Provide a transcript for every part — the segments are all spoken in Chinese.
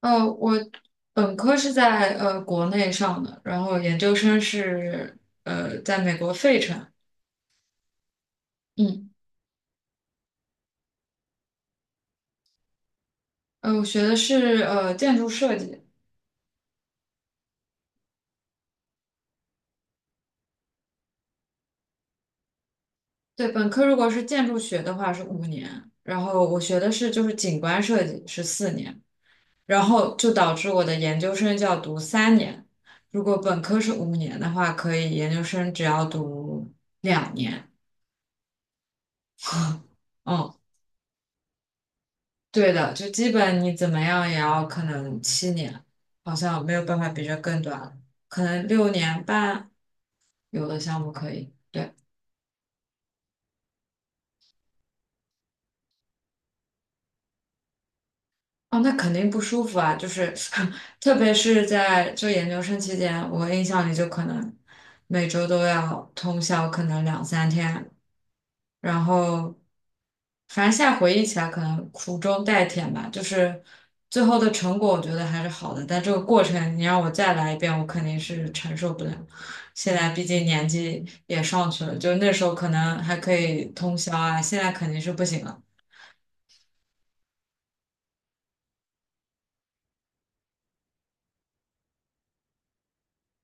我本科是在国内上的，然后研究生是在美国费城。嗯，我学的是建筑设计。对，本科如果是建筑学的话是五年，然后我学的是就是景观设计是4年，然后就导致我的研究生就要读三年。如果本科是五年的话，可以研究生只要读两年。嗯。对的，就基本你怎么样也要可能7年，好像没有办法比这更短了，可能6年半有的项目可以。对。哦，那肯定不舒服啊，就是 特别是在就研究生期间，我印象里就可能每周都要通宵，可能两三天，然后反正现在回忆起来，可能苦中带甜吧，就是最后的成果，我觉得还是好的。但这个过程，你让我再来一遍，我肯定是承受不了。现在毕竟年纪也上去了，就那时候可能还可以通宵啊，现在肯定是不行了。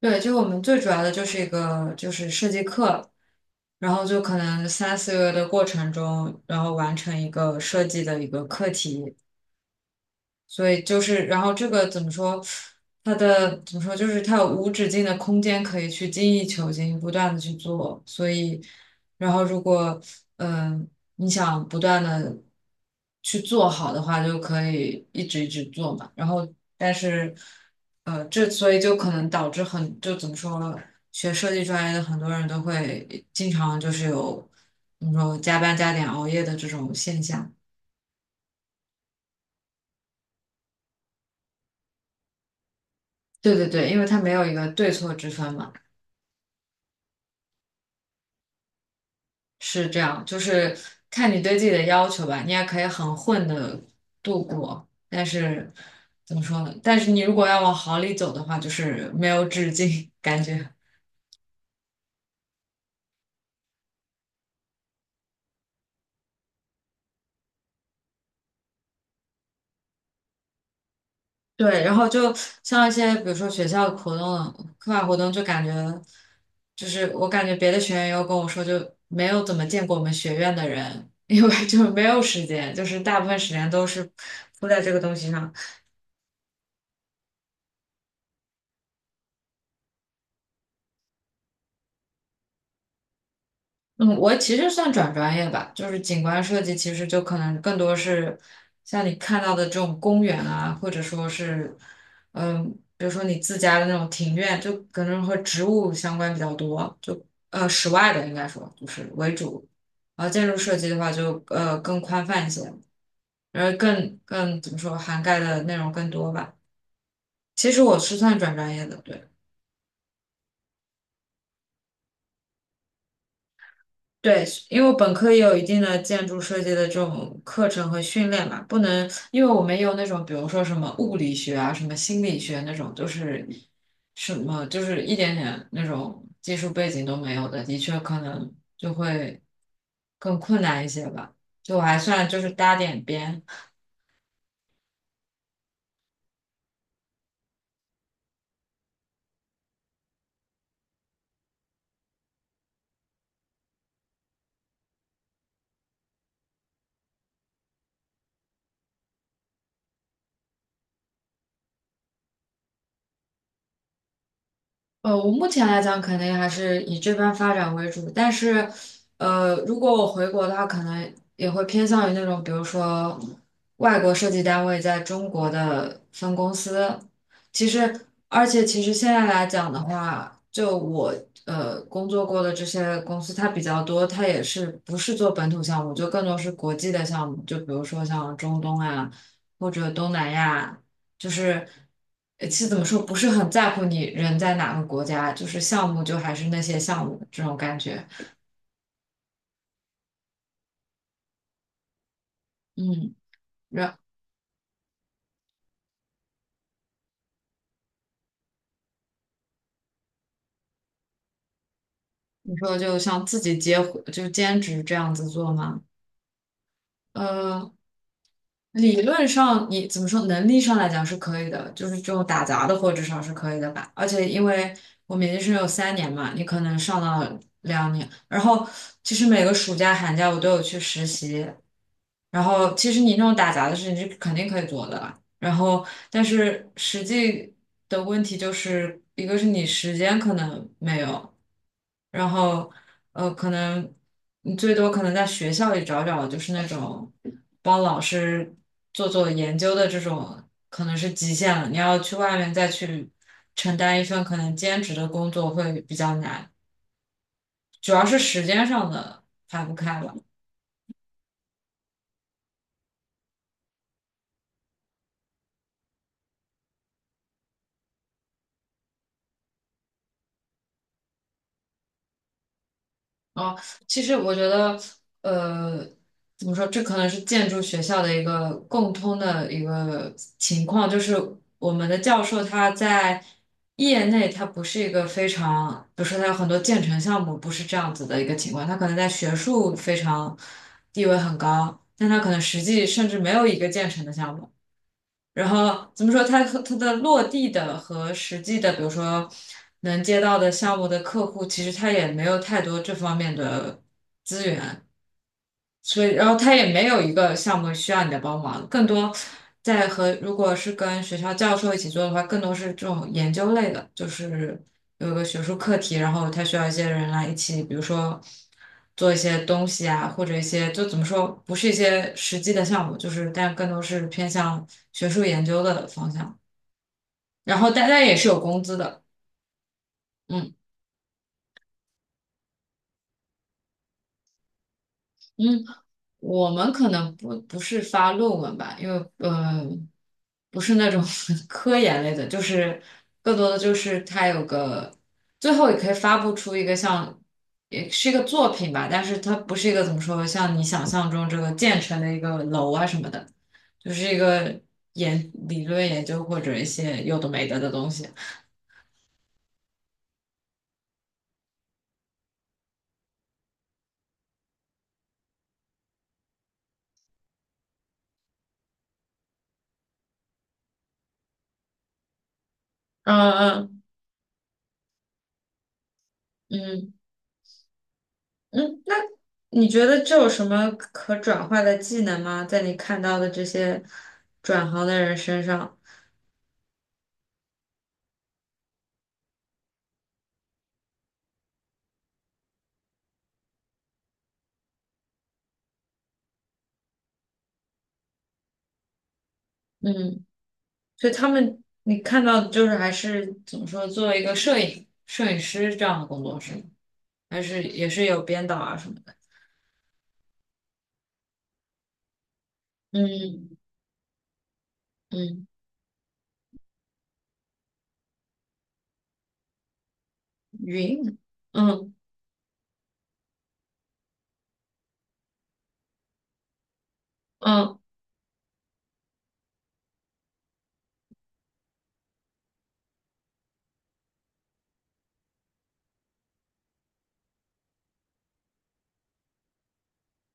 对，就我们最主要的就是一个就是设计课，然后就可能三四个月的过程中，然后完成一个设计的一个课题，所以就是，然后这个怎么说？它的怎么说？就是它有无止境的空间可以去精益求精，不断的去做。所以，然后如果嗯、呃你想不断的去做好的话，就可以一直一直做嘛。然后，但是这所以就可能导致很就怎么说，学设计专业的很多人都会经常就是有怎么说加班加点熬夜的这种现象。对对对，因为它没有一个对错之分嘛。是这样，就是看你对自己的要求吧。你也可以很混的度过，但是怎么说呢？但是你如果要往好里走的话，就是没有止境，感觉。对，然后就像一些比如说学校活动、课外活动，就感觉就是我感觉别的学员有跟我说，就没有怎么见过我们学院的人，因为就没有时间，就是大部分时间都是扑在这个东西上。嗯，我其实算转专业吧，就是景观设计，其实就可能更多是像你看到的这种公园啊，或者说是，嗯，比如说你自家的那种庭院，就可能和植物相关比较多，就室外的应该说就是为主，然后建筑设计的话就更宽泛一些，然后更怎么说涵盖的内容更多吧。其实我是算转专业的，对。对，因为我本科也有一定的建筑设计的这种课程和训练嘛，不能，因为我们有那种，比如说什么物理学啊、什么心理学那种，就是什么就是一点点那种技术背景都没有的，的确可能就会更困难一些吧。就我还算就是搭点边。我目前来讲，肯定还是以这边发展为主。但是，如果我回国的话，可能也会偏向于那种，比如说外国设计单位在中国的分公司。其实，而且其实现在来讲的话，就我工作过的这些公司，它比较多，它也是不是做本土项目，就更多是国际的项目，就比如说像中东啊，或者东南亚。就是其实怎么说，不是很在乎你人在哪个国家，就是项目就还是那些项目这种感觉。嗯，然你说就像自己接活就兼职这样子做吗？呃，理论上你怎么说，能力上来讲是可以的，就是这种打杂的或至少是可以的吧。而且因为我们研究生有三年嘛，你可能上到两年，然后其实每个暑假寒假我都有去实习。然后，其实你那种打杂的事情是肯定可以做的，然后，但是实际的问题就是一个是你时间可能没有，然后可能你最多可能在学校里找找，就是那种帮老师做做研究的这种，可能是极限了。你要去外面再去承担一份可能兼职的工作会比较难，主要是时间上的排不开了。哦，其实我觉得，呃，怎么说，这可能是建筑学校的一个共通的一个情况，就是我们的教授他在业内他不是一个非常，比如说他有很多建成项目不是这样子的一个情况，他可能在学术非常地位很高，但他可能实际甚至没有一个建成的项目。然后怎么说，它和它的落地的和实际的，比如说能接到的项目的客户，其实他也没有太多这方面的，资源。所以，然后他也没有一个项目需要你的帮忙，更多在和如果是跟学校教授一起做的话，更多是这种研究类的，就是有一个学术课题，然后他需要一些人来一起，比如说做一些东西啊，或者一些就怎么说，不是一些实际的项目，就是但更多是偏向学术研究的方向。然后大家也是有工资的，嗯嗯。我们可能不是发论文吧，因为呃不是那种 科研类的，就是更多的就是它有个最后也可以发布出一个像也是一个作品吧，但是它不是一个怎么说，像你想象中这个建成的一个楼啊什么的，就是一个理论研究或者一些有的没的的东西。嗯嗯，嗯嗯，你觉得这有什么可转化的技能吗？在你看到的这些转行的人身上，嗯，所以他们你看到的就是还是怎么说，作为一个摄影师这样的工作是吗？还是也是有编导啊什么的？嗯嗯，云，嗯嗯，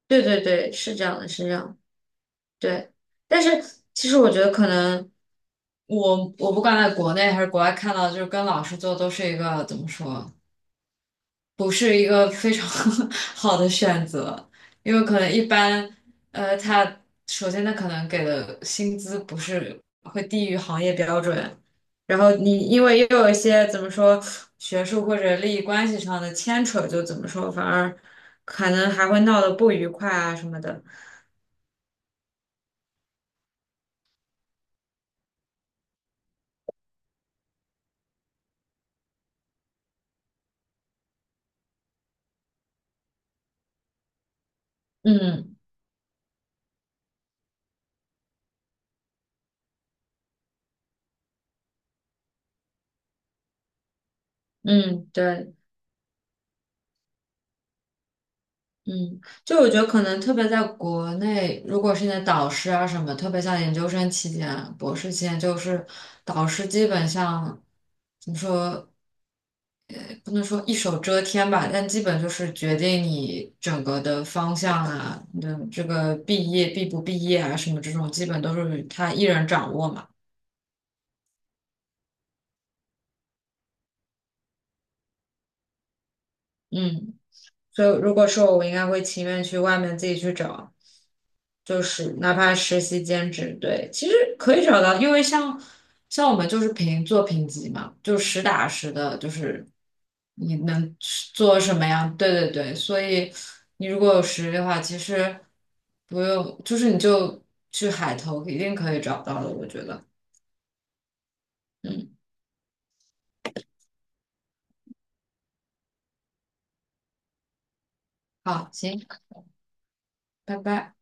对对对，是这样的，是这样的，对。但是其实我觉得可能我不管在国内还是国外看到，就是跟老师做都是一个怎么说？不是一个非常 好的选择，因为可能一般，他首先他可能给的薪资不是会低于行业标准，然后你因为又有一些怎么说学术或者利益关系上的牵扯，就怎么说反而可能还会闹得不愉快啊什么的。嗯嗯，对。嗯，就我觉得可能特别在国内，如果是你的导师啊什么，特别像研究生期间、博士期间，就是导师基本上怎么说，哎不能说一手遮天吧，但基本就是决定你整个的方向啊，你的这个毕业毕不毕业啊什么这种，基本都是他一人掌握嘛。嗯。所以如果说我，我应该会情愿去外面自己去找，就是哪怕实习兼职，对，其实可以找到，因为像我们就是评做评级嘛，就实打实的，就是你能做什么样，对对对，所以你如果有实力的话，其实不用，就是你就去海投，一定可以找到的，我觉得。嗯，好，行，拜拜。